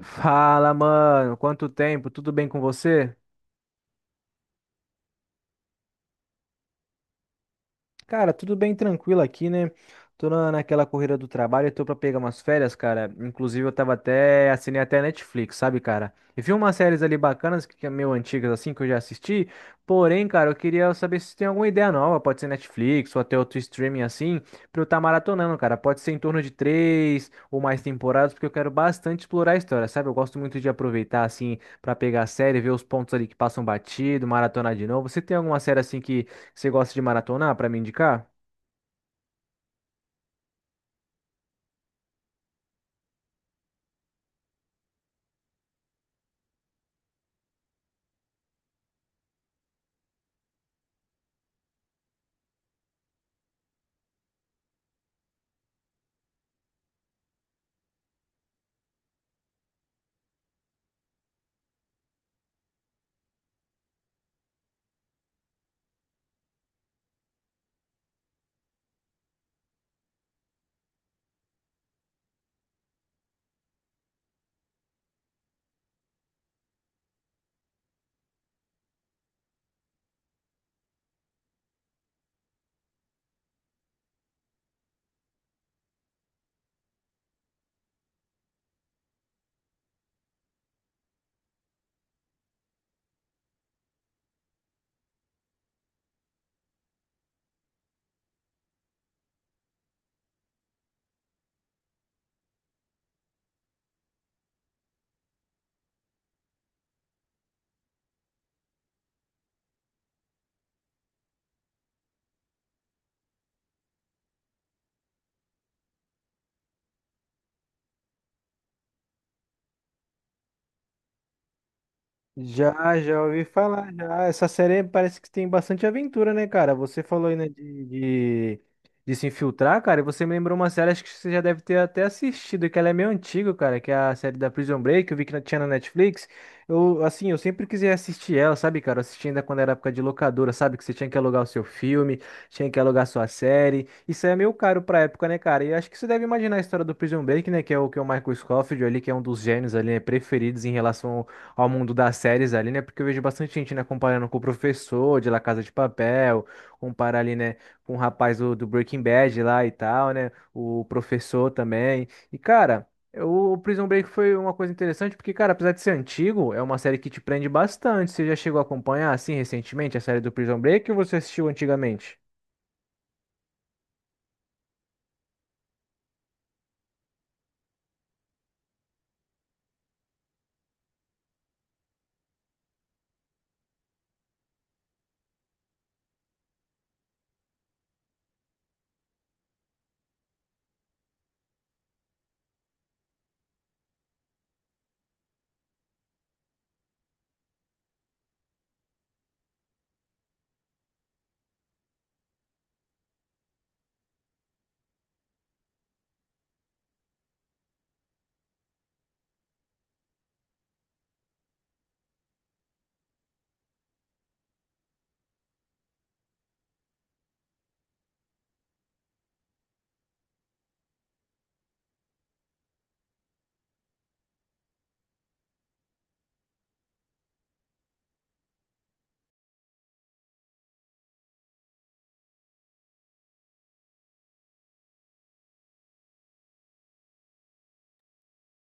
Fala, mano. Quanto tempo? Tudo bem com você? Cara, tudo bem tranquilo aqui, né? Tô na, naquela corrida do trabalho, tô pra pegar umas férias, cara. Inclusive, eu tava até, assinei até a Netflix, sabe, cara? E vi umas séries ali bacanas, que é meio antigas, assim, que eu já assisti. Porém, cara, eu queria saber se tem alguma ideia nova, pode ser Netflix ou até outro streaming assim, pra eu estar maratonando, cara. Pode ser em torno de três ou mais temporadas, porque eu quero bastante explorar a história, sabe? Eu gosto muito de aproveitar, assim, pra pegar a série, ver os pontos ali que passam batido, maratonar de novo. Você tem alguma série, assim, que você gosta de maratonar para me indicar? Já, já ouvi falar, já. Essa série parece que tem bastante aventura, né, cara? Você falou aí, né, de se infiltrar, cara, e você me lembrou uma série, acho que você já deve ter até assistido, que ela é meio antiga, cara, que é a série da Prison Break, eu vi que tinha na Netflix. Eu, assim, eu sempre quis assistir ela, sabe, cara? Eu assisti ainda quando era época de locadora, sabe? Que você tinha que alugar o seu filme, tinha que alugar a sua série. Isso é meio caro pra época, né, cara? E acho que você deve imaginar a história do Prison Break, né, que é o Michael Scofield ali, que é um dos gênios ali, né, preferidos em relação ao mundo das séries ali, né? Porque eu vejo bastante gente, né, comparando com o professor de La Casa de Papel, comparar ali, né, com o rapaz do Breaking Bad lá e tal, né? O professor também. E, cara. O Prison Break foi uma coisa interessante porque, cara, apesar de ser antigo, é uma série que te prende bastante. Você já chegou a acompanhar, assim, recentemente, a série do Prison Break ou você assistiu antigamente?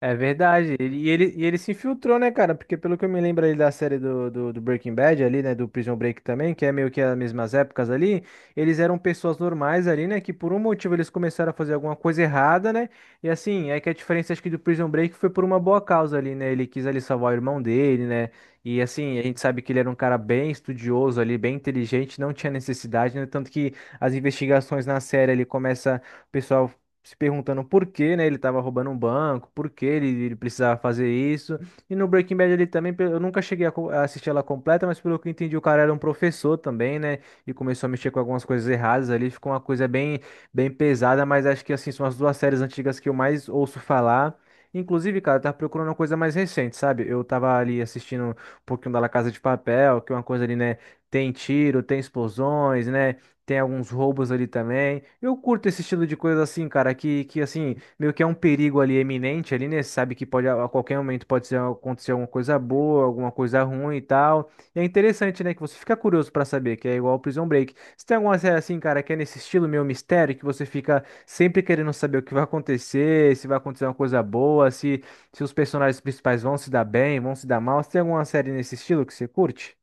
É verdade. E ele se infiltrou, né, cara? Porque pelo que eu me lembro ali da série do Breaking Bad ali, né? Do Prison Break também, que é meio que as mesmas épocas ali. Eles eram pessoas normais ali, né? Que por um motivo eles começaram a fazer alguma coisa errada, né? E assim, é que a diferença acho que do Prison Break foi por uma boa causa ali, né? Ele quis ali salvar o irmão dele, né? E assim, a gente sabe que ele era um cara bem estudioso ali, bem inteligente, não tinha necessidade, né? Tanto que as investigações na série ali começa o pessoal se perguntando por que, né, ele estava roubando um banco, por que ele precisava fazer isso. E no Breaking Bad ele também, eu nunca cheguei a, a assistir ela completa, mas pelo que eu entendi, o cara era um professor também, né, e começou a mexer com algumas coisas erradas ali, ficou uma coisa bem, bem pesada, mas acho que, assim, são as duas séries antigas que eu mais ouço falar. Inclusive, cara, eu tava procurando uma coisa mais recente, sabe? Eu tava ali assistindo um pouquinho da La Casa de Papel, que é uma coisa ali, né? Tem tiro, tem explosões, né? Tem alguns roubos ali também. Eu curto esse estilo de coisa assim, cara, que assim, meio que é um perigo ali eminente ali, né? Você sabe que pode a qualquer momento acontecer alguma coisa boa, alguma coisa ruim e tal. E é interessante, né, que você fica curioso pra saber, que é igual ao Prison Break. Você tem alguma série assim, cara, que é nesse estilo meio mistério, que você fica sempre querendo saber o que vai acontecer, se vai acontecer uma coisa boa, se os personagens principais vão se dar bem, vão se dar mal. Você tem alguma série nesse estilo que você curte?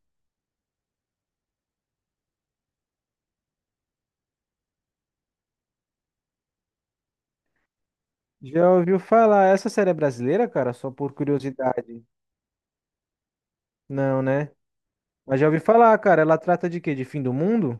Já ouviu falar? Essa série é brasileira, cara? Só por curiosidade. Não, né? Mas já ouvi falar, cara. Ela trata de quê? De fim do mundo?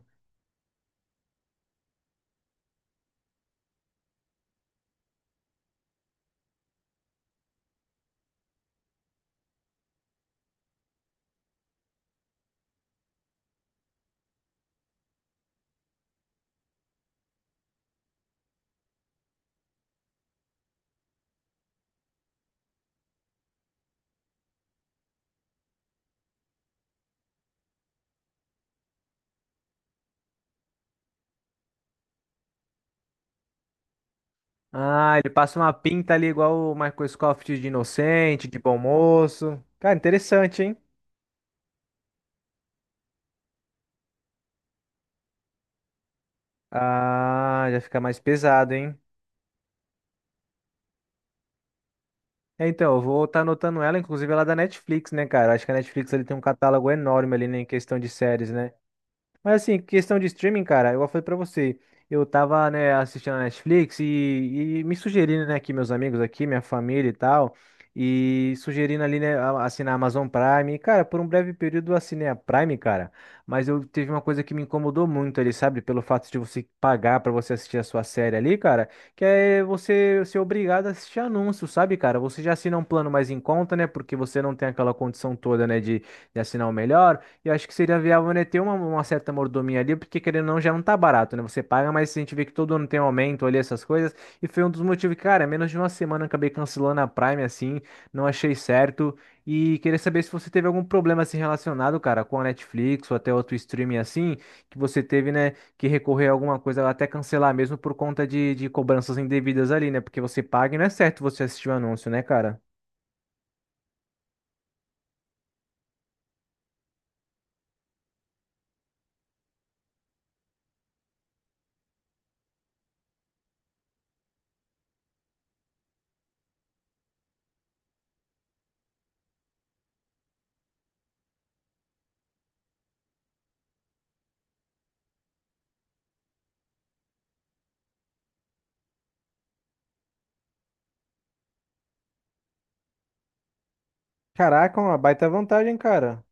Ah, ele passa uma pinta ali igual o Michael Scofield de inocente, de bom moço. Cara, interessante, hein? Ah, já fica mais pesado, hein? É, então, eu vou estar anotando ela, inclusive ela é da Netflix, né, cara? Acho que a Netflix ele tem um catálogo enorme ali né, em questão de séries, né? Mas assim, questão de streaming, cara, eu falei pra você, eu tava, né, assistindo a Netflix e me sugerindo, né, aqui meus amigos aqui, minha família e tal, e sugerindo ali, né, assinar a Amazon Prime. E, cara, por um breve período eu assinei a Prime, cara, mas eu teve uma coisa que me incomodou muito ali, sabe? Pelo fato de você pagar pra você assistir a sua série ali, cara, que é você ser obrigado a assistir anúncio, sabe, cara? Você já assina um plano mais em conta, né, porque você não tem aquela condição toda, né, de assinar o melhor. Eu acho que seria viável, né, ter uma certa mordomia ali, porque querendo ou não, já não tá barato, né? Você paga, mas a gente vê que todo ano tem um aumento ali, essas coisas. E foi um dos motivos, que, cara, menos de uma semana eu acabei cancelando a Prime, assim, não achei certo. E queria saber se você teve algum problema, assim, relacionado, cara, com a Netflix ou até outro streaming, assim, que você teve, né, que recorrer a alguma coisa, até cancelar mesmo por conta de cobranças indevidas ali, né? Porque você paga e não é certo você assistir o anúncio, né, cara? Caraca, uma baita vantagem, cara.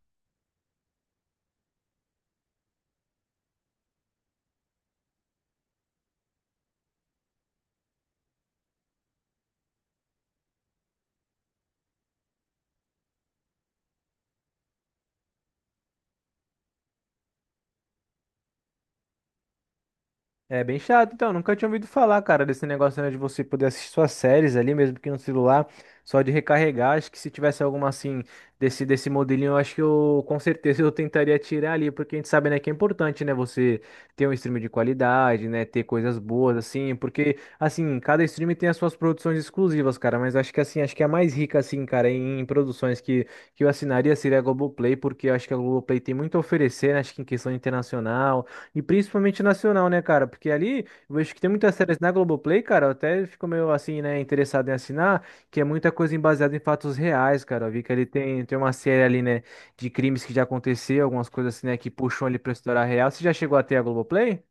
É bem chato, então. Nunca tinha ouvido falar, cara, desse negócio, né, de você poder assistir suas séries ali, mesmo que no celular, só de recarregar. Acho que se tivesse alguma assim, desse modelinho, eu acho que eu, com certeza, eu tentaria tirar ali, porque a gente sabe, né, que é importante, né, você ter um stream de qualidade, né, ter coisas boas, assim, porque, assim, cada stream tem as suas produções exclusivas, cara, mas acho que, assim, acho que a mais rica, assim, cara, em, produções que eu assinaria seria a Globoplay, porque eu acho que a Globoplay tem muito a oferecer, né, acho que em questão internacional. E principalmente nacional, né, cara? Porque ali, eu vejo que tem muitas séries na Globoplay, cara, eu até fico meio assim, né, interessado em assinar, que é muita coisa baseada em fatos reais, cara. Eu vi que ele tem, tem uma série ali, né, de crimes que já aconteceu, algumas coisas assim, né, que puxam ali pra história real. Você já chegou até a Globoplay?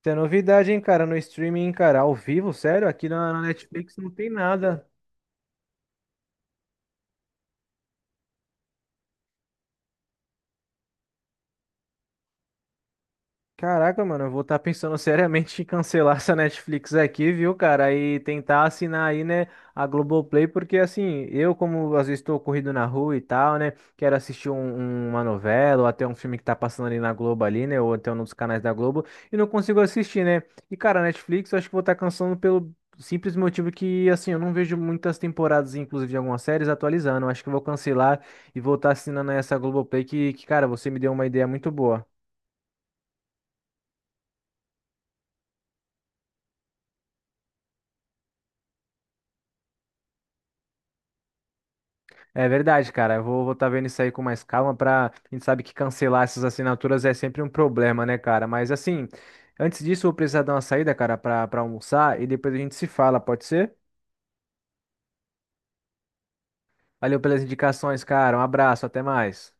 Isso é novidade, hein, cara, no streaming, cara, ao vivo, sério, aqui na Netflix não tem nada. Caraca, mano, eu vou estar pensando seriamente em cancelar essa Netflix aqui, viu, cara? E tentar assinar aí, né, a Globoplay, porque assim, eu, como às vezes estou corrido na rua e tal, né, quero assistir uma novela ou até um filme que tá passando ali na Globo ali, né, ou até um dos canais da Globo, e não consigo assistir, né? E, cara, a Netflix eu acho que vou estar cancelando pelo simples motivo que, assim, eu não vejo muitas temporadas, inclusive de algumas séries, atualizando. Eu acho que eu vou cancelar e vou estar assinando essa Globoplay cara, você me deu uma ideia muito boa. É verdade, cara. Eu vou estar vendo isso aí com mais calma pra. A gente sabe que cancelar essas assinaturas é sempre um problema, né, cara? Mas assim, antes disso, eu vou precisar dar uma saída, cara, pra almoçar e depois a gente se fala, pode ser? Valeu pelas indicações, cara. Um abraço, até mais.